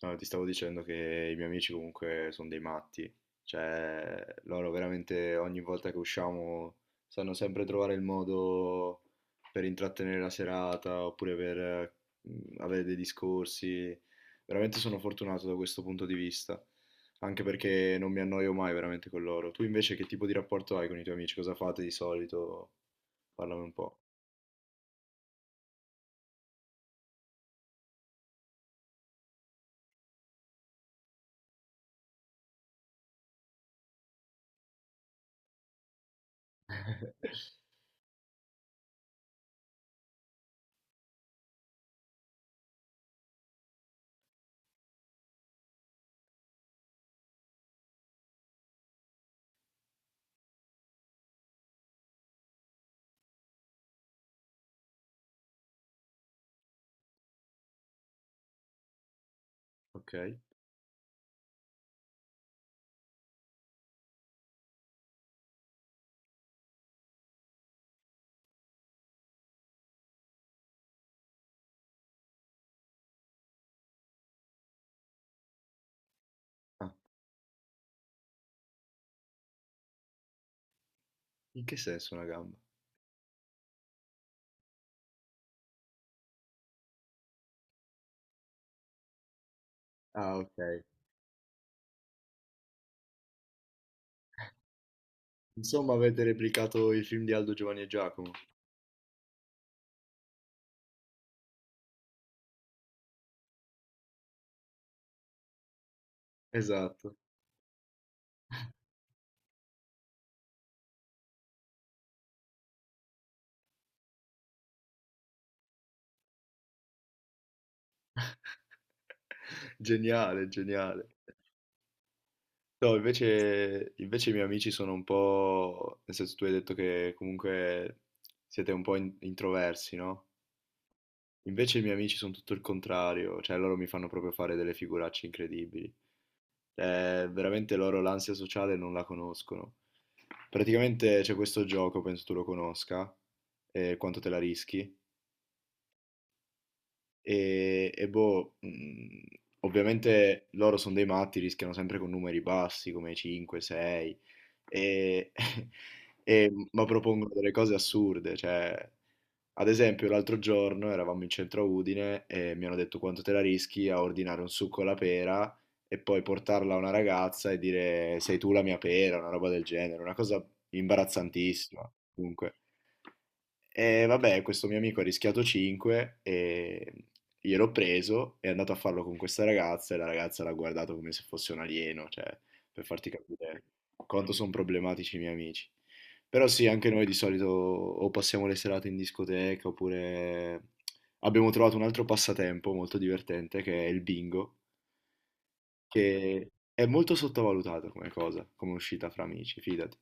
No, ti stavo dicendo che i miei amici comunque sono dei matti, cioè loro veramente ogni volta che usciamo sanno sempre trovare il modo per intrattenere la serata oppure per avere dei discorsi. Veramente sono fortunato da questo punto di vista, anche perché non mi annoio mai veramente con loro. Tu invece che tipo di rapporto hai con i tuoi amici? Cosa fate di solito? Parlami un po'. Ok. Ah, in che senso una gamba? Ah, ok. Insomma, avete replicato i film di Aldo, Giovanni e Giacomo. Esatto. Geniale, geniale. No, invece i miei amici sono un po'. Nel senso, tu hai detto che comunque siete un po' introversi, no? Invece i miei amici sono tutto il contrario, cioè loro mi fanno proprio fare delle figuracce incredibili. Veramente loro l'ansia sociale non la conoscono. Praticamente c'è questo gioco, penso tu lo conosca, quanto te la rischi. E boh, ovviamente loro sono dei matti, rischiano sempre con numeri bassi come 5, 6, e, ma propongono delle cose assurde. Cioè, ad esempio, l'altro giorno eravamo in centro a Udine e mi hanno detto quanto te la rischi a ordinare un succo alla pera e poi portarla a una ragazza e dire sei tu la mia pera, una roba del genere, una cosa imbarazzantissima. Comunque. E vabbè, questo mio amico ha rischiato 5 e gliel'ho preso, è andato a farlo con questa ragazza e la ragazza l'ha guardato come se fosse un alieno, cioè, per farti capire quanto sono problematici i miei amici. Però sì, anche noi di solito o passiamo le serate in discoteca oppure abbiamo trovato un altro passatempo molto divertente che è il bingo, che è molto sottovalutata come cosa, come uscita fra amici, fidati.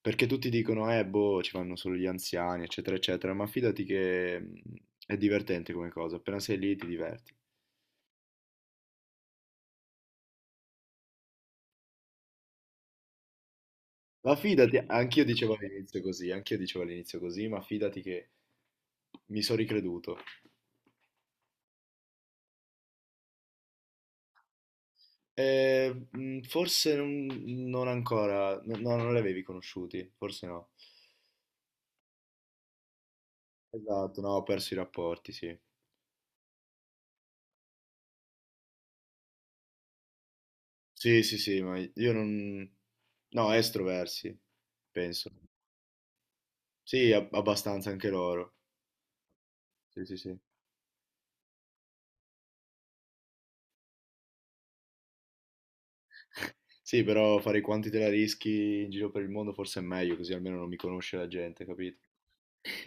Perché tutti dicono, boh, ci vanno solo gli anziani, eccetera, eccetera, ma fidati che è divertente come cosa, appena sei lì ti diverti. Ma fidati, anch'io dicevo all'inizio così, anch'io dicevo all'inizio così, ma fidati che mi sono ricreduto. Forse non ancora, no, no, non li avevi conosciuti, forse no. Esatto, no, ho perso i rapporti, sì. Sì, sì, sì, ma io non. No, estroversi, penso. Sì, abbastanza anche loro. Sì, sì, sì. Sì, però fare i quanti te la rischi in giro per il mondo forse è meglio, così almeno non mi conosce la gente, capito?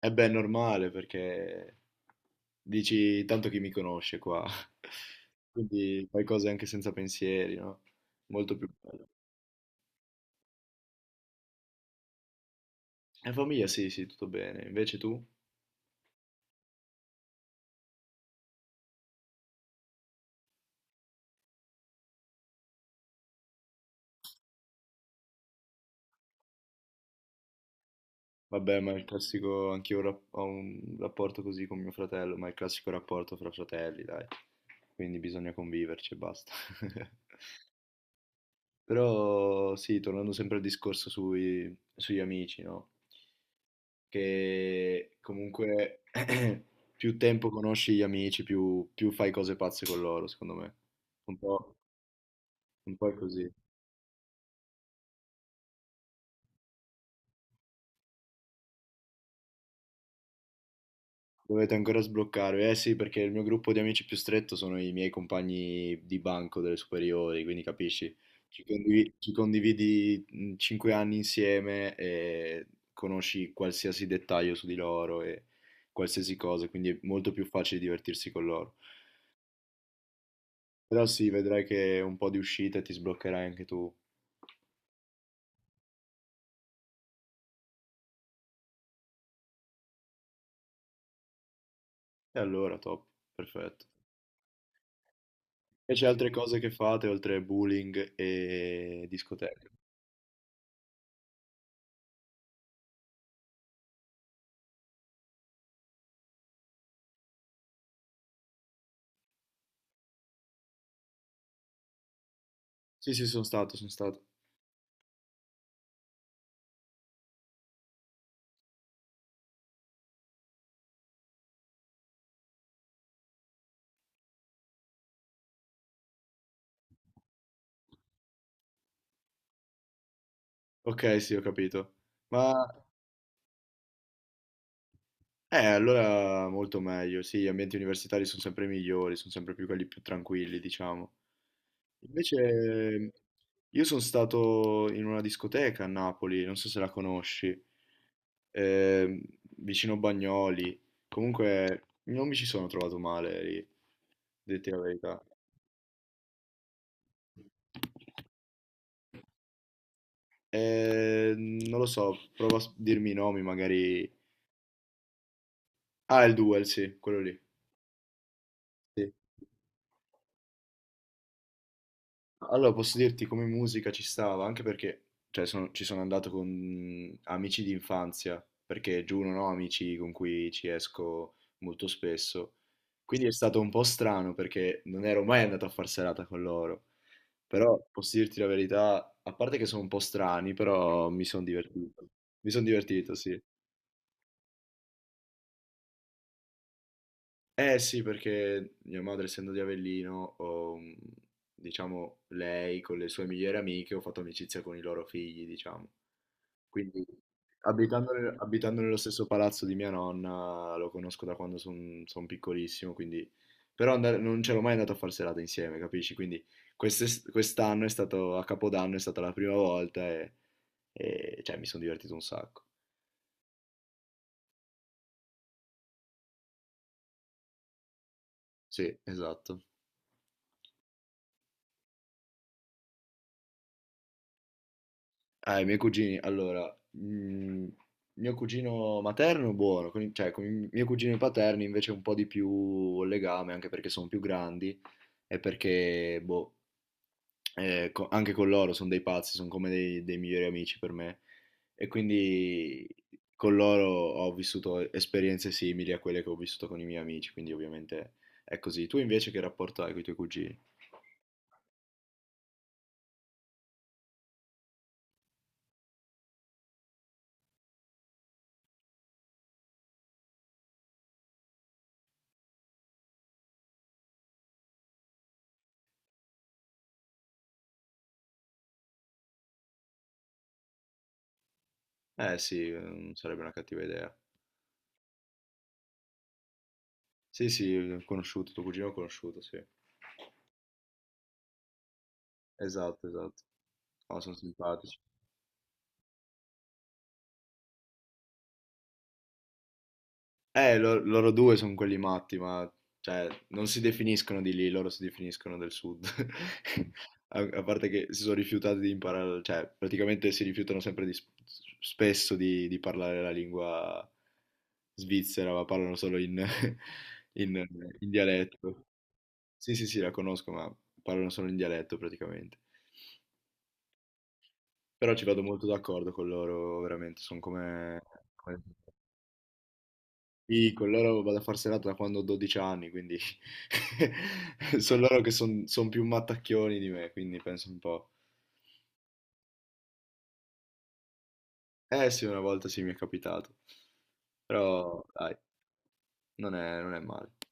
E beh, è normale perché dici tanto chi mi conosce qua. Quindi fai cose anche senza pensieri, no? Molto più bello. E famiglia, sì, sì, tutto bene. Invece tu? Vabbè, ma è il classico, anch'io ho un rapporto così con mio fratello, ma è il classico rapporto fra fratelli, dai. Quindi bisogna conviverci e basta. Però sì, tornando sempre al discorso sugli amici, no? Che comunque più tempo conosci gli amici, più, più fai cose pazze con loro, secondo me. Un po', un po', è così. Dovete ancora sbloccarvi, eh sì, perché il mio gruppo di amici più stretto sono i miei compagni di banco delle superiori, quindi capisci, ci condividi 5 anni insieme e conosci qualsiasi dettaglio su di loro e qualsiasi cosa, quindi è molto più facile divertirsi con loro. Però sì, vedrai che un po' di uscita ti sbloccherai anche tu. E allora, top, perfetto. Invece altre cose che fate oltre bullying e discoteche? Sì, sì, sono stato, sono stato. Ok, sì, ho capito. Ma allora molto meglio. Sì, gli ambienti universitari sono sempre migliori, sono sempre più quelli più tranquilli, diciamo. Invece io sono stato in una discoteca a Napoli, non so se la conosci, ehm, vicino Bagnoli. Comunque non mi ci sono trovato male lì, detti la verità. Non lo so, prova a dirmi i nomi, magari. Ah, il Duel, sì, quello lì. Sì. Allora, posso dirti come musica ci stava, anche perché cioè, ci sono andato con amici di infanzia, perché giù non ho amici con cui ci esco molto spesso. Quindi è stato un po' strano perché non ero mai andato a far serata con loro. Però posso dirti la verità, a parte che sono un po' strani, però mi sono divertito. Mi sono divertito, sì. Eh sì, perché mia madre, essendo di Avellino, diciamo, lei con le sue migliori amiche, ho fatto amicizia con i loro figli, diciamo. Quindi abitando nello stesso palazzo di mia nonna, lo conosco da quando sono piccolissimo, quindi. Però non c'ero mai andato a far serata insieme, capisci? Quindi quest'anno è stato, a Capodanno è stata la prima volta e, cioè, mi sono divertito un sacco. Sì, esatto. Ah, i miei cugini, allora, mm, mio cugino materno buono, cioè con i miei cugini paterni invece un po' di più legame, anche perché sono più grandi e perché, boh, anche con loro sono dei pazzi, sono come dei migliori amici per me. E quindi con loro ho vissuto esperienze simili a quelle che ho vissuto con i miei amici, quindi ovviamente è così. Tu invece che rapporto hai con i tuoi cugini? Eh sì, non sarebbe una cattiva idea. Sì, sì, ho conosciuto, tuo cugino ho conosciuto, sì. Esatto, esatto. No, sono simpatici. Loro due sono quelli matti, ma cioè, non si definiscono di lì, loro si definiscono del sud. A parte che si sono rifiutati di imparare, cioè, praticamente si rifiutano sempre di, spesso di, parlare la lingua svizzera, ma parlano solo in, in- in dialetto. Sì, sì, sì, la conosco, ma parlano solo in dialetto praticamente. Però ci vado molto d'accordo con loro, veramente, sono come. come- Sì, con loro vado a far serata da quando ho 12 anni, quindi sono loro che sono più mattacchioni di me, quindi penso un po'. Eh sì, una volta sì mi è capitato, però dai, non è male.